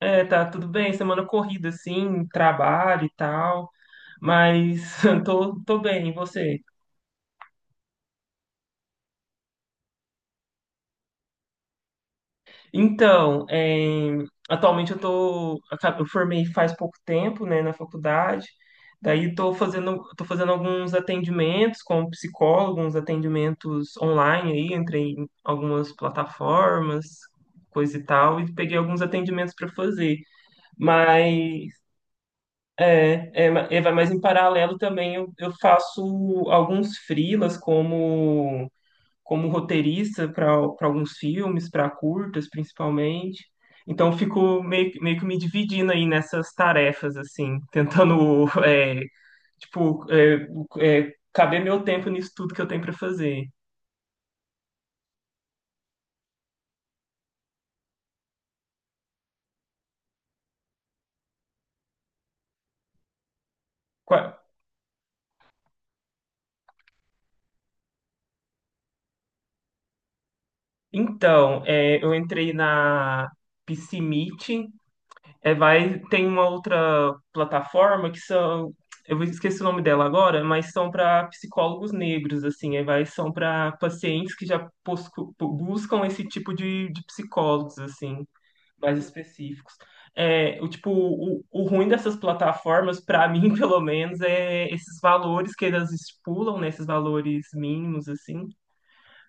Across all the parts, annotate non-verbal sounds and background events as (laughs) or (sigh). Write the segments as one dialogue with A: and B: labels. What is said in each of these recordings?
A: É, tá tudo bem, semana corrida assim, trabalho e tal, mas (laughs) tô bem, e você? Então, é, atualmente eu tô, eu formei faz pouco tempo, né, na faculdade, daí tô fazendo alguns atendimentos como psicólogo, uns atendimentos online aí, entrei em algumas plataformas, coisa e tal, e peguei alguns atendimentos para fazer. Mas em paralelo também eu faço alguns freelas como, como roteirista para alguns filmes, para curtas principalmente. Então eu fico meio, meio que me dividindo aí nessas tarefas, assim, tentando, (laughs) tipo, é, caber meu tempo nisso tudo que eu tenho para fazer. Qua- Então, é, eu entrei na PCMeet. É, vai, tem uma outra plataforma que são, eu esqueci o nome dela agora, mas são para psicólogos negros, assim, é, vai, são para pacientes que já buscam esse tipo de psicólogos, assim, mais específicos. É, o tipo, o ruim dessas plataformas, para mim, (laughs) pelo menos, é esses valores que elas estipulam, né, esses valores mínimos, assim,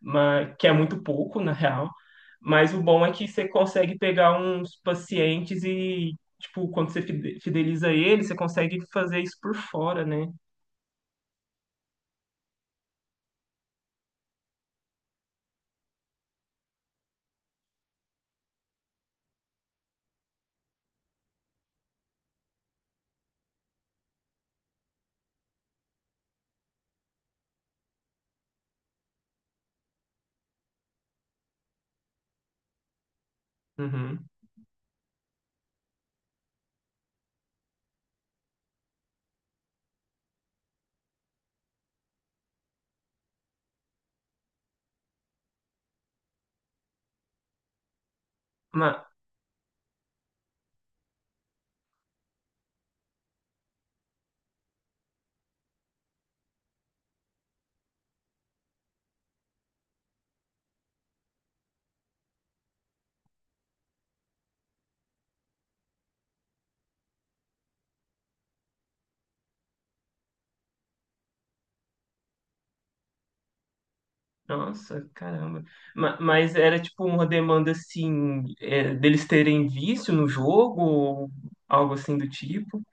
A: mas, que é muito pouco, na real. Mas o bom é que você consegue pegar uns pacientes e, tipo, quando você fideliza ele, você consegue fazer isso por fora, né? Uhum. Ma- Nossa, caramba. Mas era, tipo, uma demanda, assim, é, deles terem vício no jogo ou algo assim do tipo?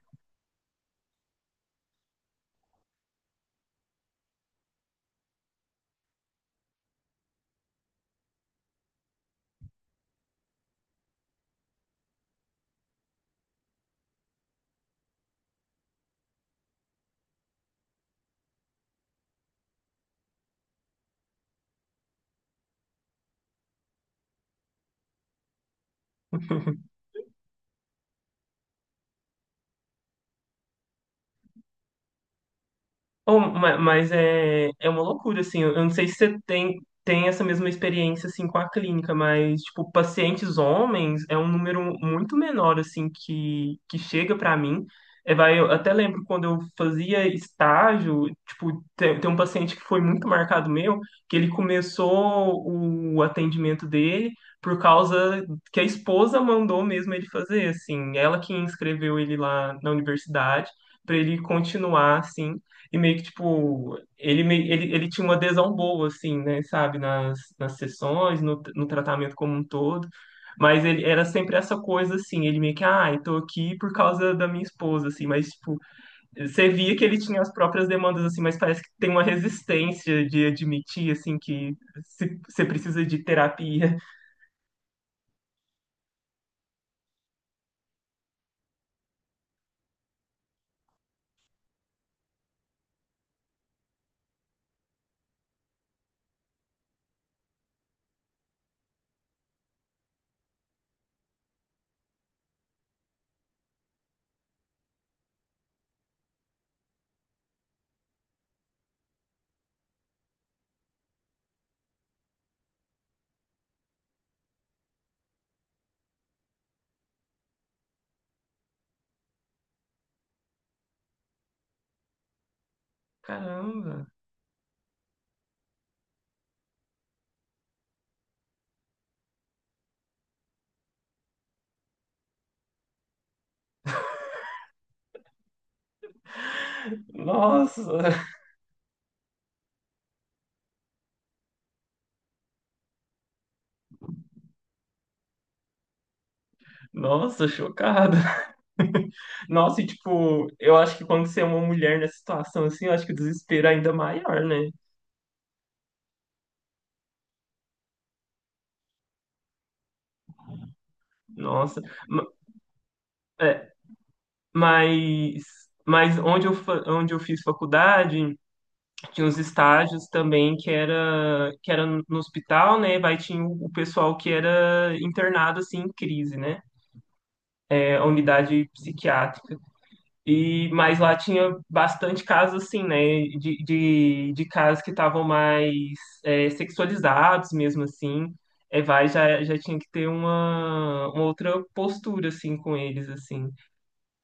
A: Oh, mas é, é uma loucura, assim. Eu não sei se você tem, tem essa mesma experiência, assim, com a clínica, mas, tipo, pacientes homens é um número muito menor, assim, que chega pra mim. É, vai, eu até lembro quando eu fazia estágio, tipo, tem, tem um paciente que foi muito marcado meu, que ele começou o atendimento dele por causa que a esposa mandou mesmo ele fazer, assim. Ela que inscreveu ele lá na universidade, para ele continuar assim. E meio que, tipo, ele, ele, ele tinha uma adesão boa, assim, né, sabe, nas, nas sessões, no, no tratamento como um todo. Mas ele era sempre essa coisa, assim, ele meio que, ah, eu tô aqui por causa da minha esposa, assim, mas, tipo, você via que ele tinha as próprias demandas, assim, mas parece que tem uma resistência de admitir, assim, que você precisa de terapia. Caramba, nossa, (laughs) nossa, chocado. (laughs) Nossa, e tipo, eu acho que quando você é uma mulher nessa situação assim, eu acho que o desespero é ainda maior, né? Nossa. Ma- mas onde onde eu fiz faculdade, tinha uns estágios também que era no hospital, né? Vai, tinha o pessoal que era internado assim em crise, né? É, a unidade psiquiátrica. E, mas lá tinha bastante casos assim, né? De casos que estavam mais é, sexualizados mesmo assim. É, vai, já tinha que ter uma outra postura assim com eles, assim,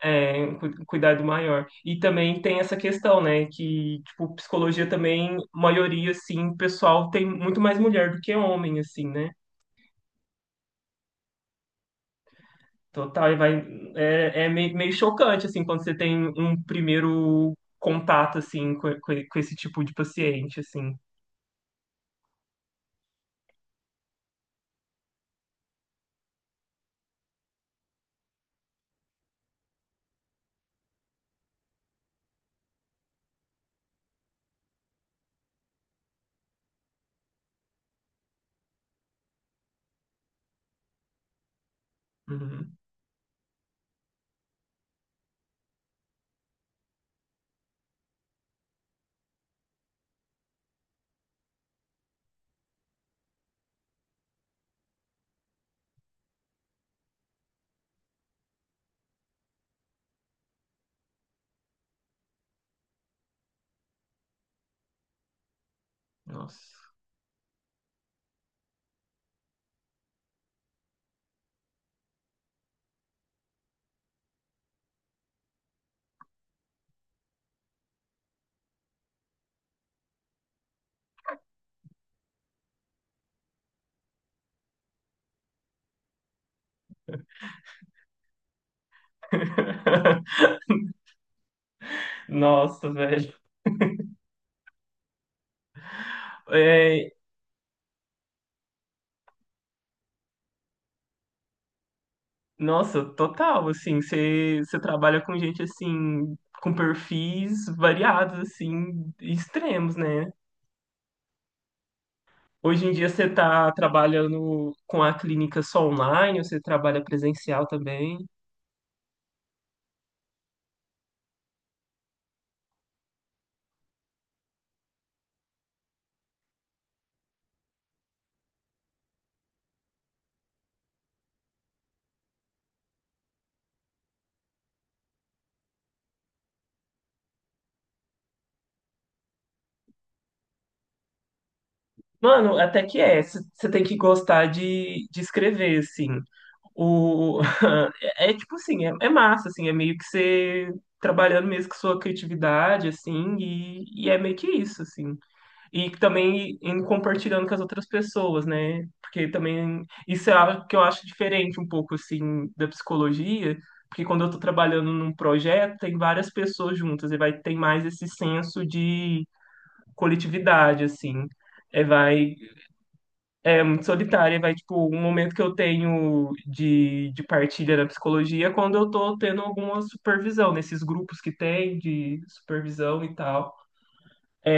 A: é, um cuidado maior. E também tem essa questão, né? Que, tipo, psicologia também, maioria, assim, pessoal tem muito mais mulher do que homem, assim, né? Total, e vai. É, é meio, meio chocante, assim, quando você tem um primeiro contato, assim, com esse tipo de paciente, assim. Uhum. Nossa. (laughs) Nossa, velho. É, nossa, total, assim, você trabalha com gente, assim, com perfis variados, assim, extremos, né? Hoje em dia você tá trabalhando com a clínica só online, ou você trabalha presencial também? Mano, até que é. Você tem que gostar de escrever, assim. O, (laughs) é, é tipo assim, é, é massa, assim, é meio que você trabalhando mesmo com sua criatividade, assim, e é meio que isso, assim. E também em compartilhando com as outras pessoas, né? Porque também isso é algo que eu acho diferente um pouco, assim, da psicologia, porque quando eu tô trabalhando num projeto, tem várias pessoas juntas, e vai ter mais esse senso de coletividade, assim. É, vai, muito solitária, vai, tipo, um momento que eu tenho de partilha na psicologia é quando eu tô tendo alguma supervisão, nesses grupos que tem de supervisão e tal.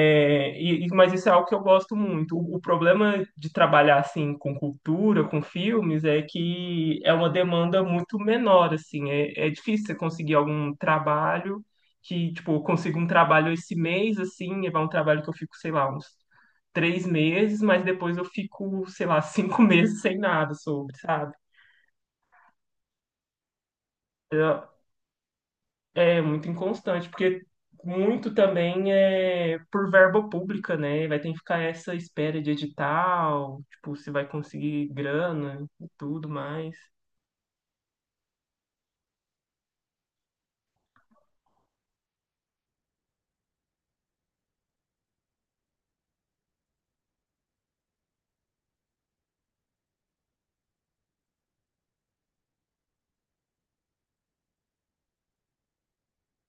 A: É, mas isso é algo que eu gosto muito. O problema de trabalhar assim com cultura, com filmes, é que é uma demanda muito menor, assim. É, é difícil você conseguir algum trabalho que, tipo, eu consigo um trabalho esse mês, assim, é um trabalho que eu fico, sei lá, uns três meses, mas depois eu fico, sei lá, (laughs) cinco meses sem nada sobre, sabe? É muito inconstante, porque muito também é por verba pública, né? Vai ter que ficar essa espera de edital, tipo, se vai conseguir grana e tudo mais.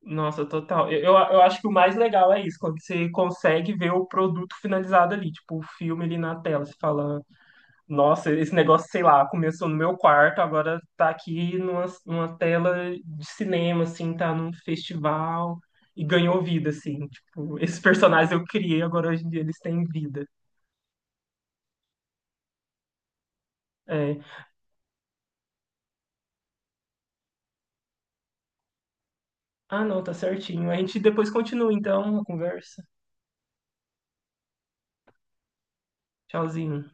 A: Nossa, total. Eu, eu acho que o mais legal é isso, quando você consegue ver o produto finalizado ali, tipo, o filme ali na tela. Você fala, nossa, esse negócio, sei lá, começou no meu quarto, agora tá aqui numa, numa tela de cinema, assim, tá num festival e ganhou vida, assim. Tipo, esses personagens eu criei, agora hoje em dia eles têm vida. É. Ah, não, tá certinho. A gente depois continua, então, a conversa. Tchauzinho.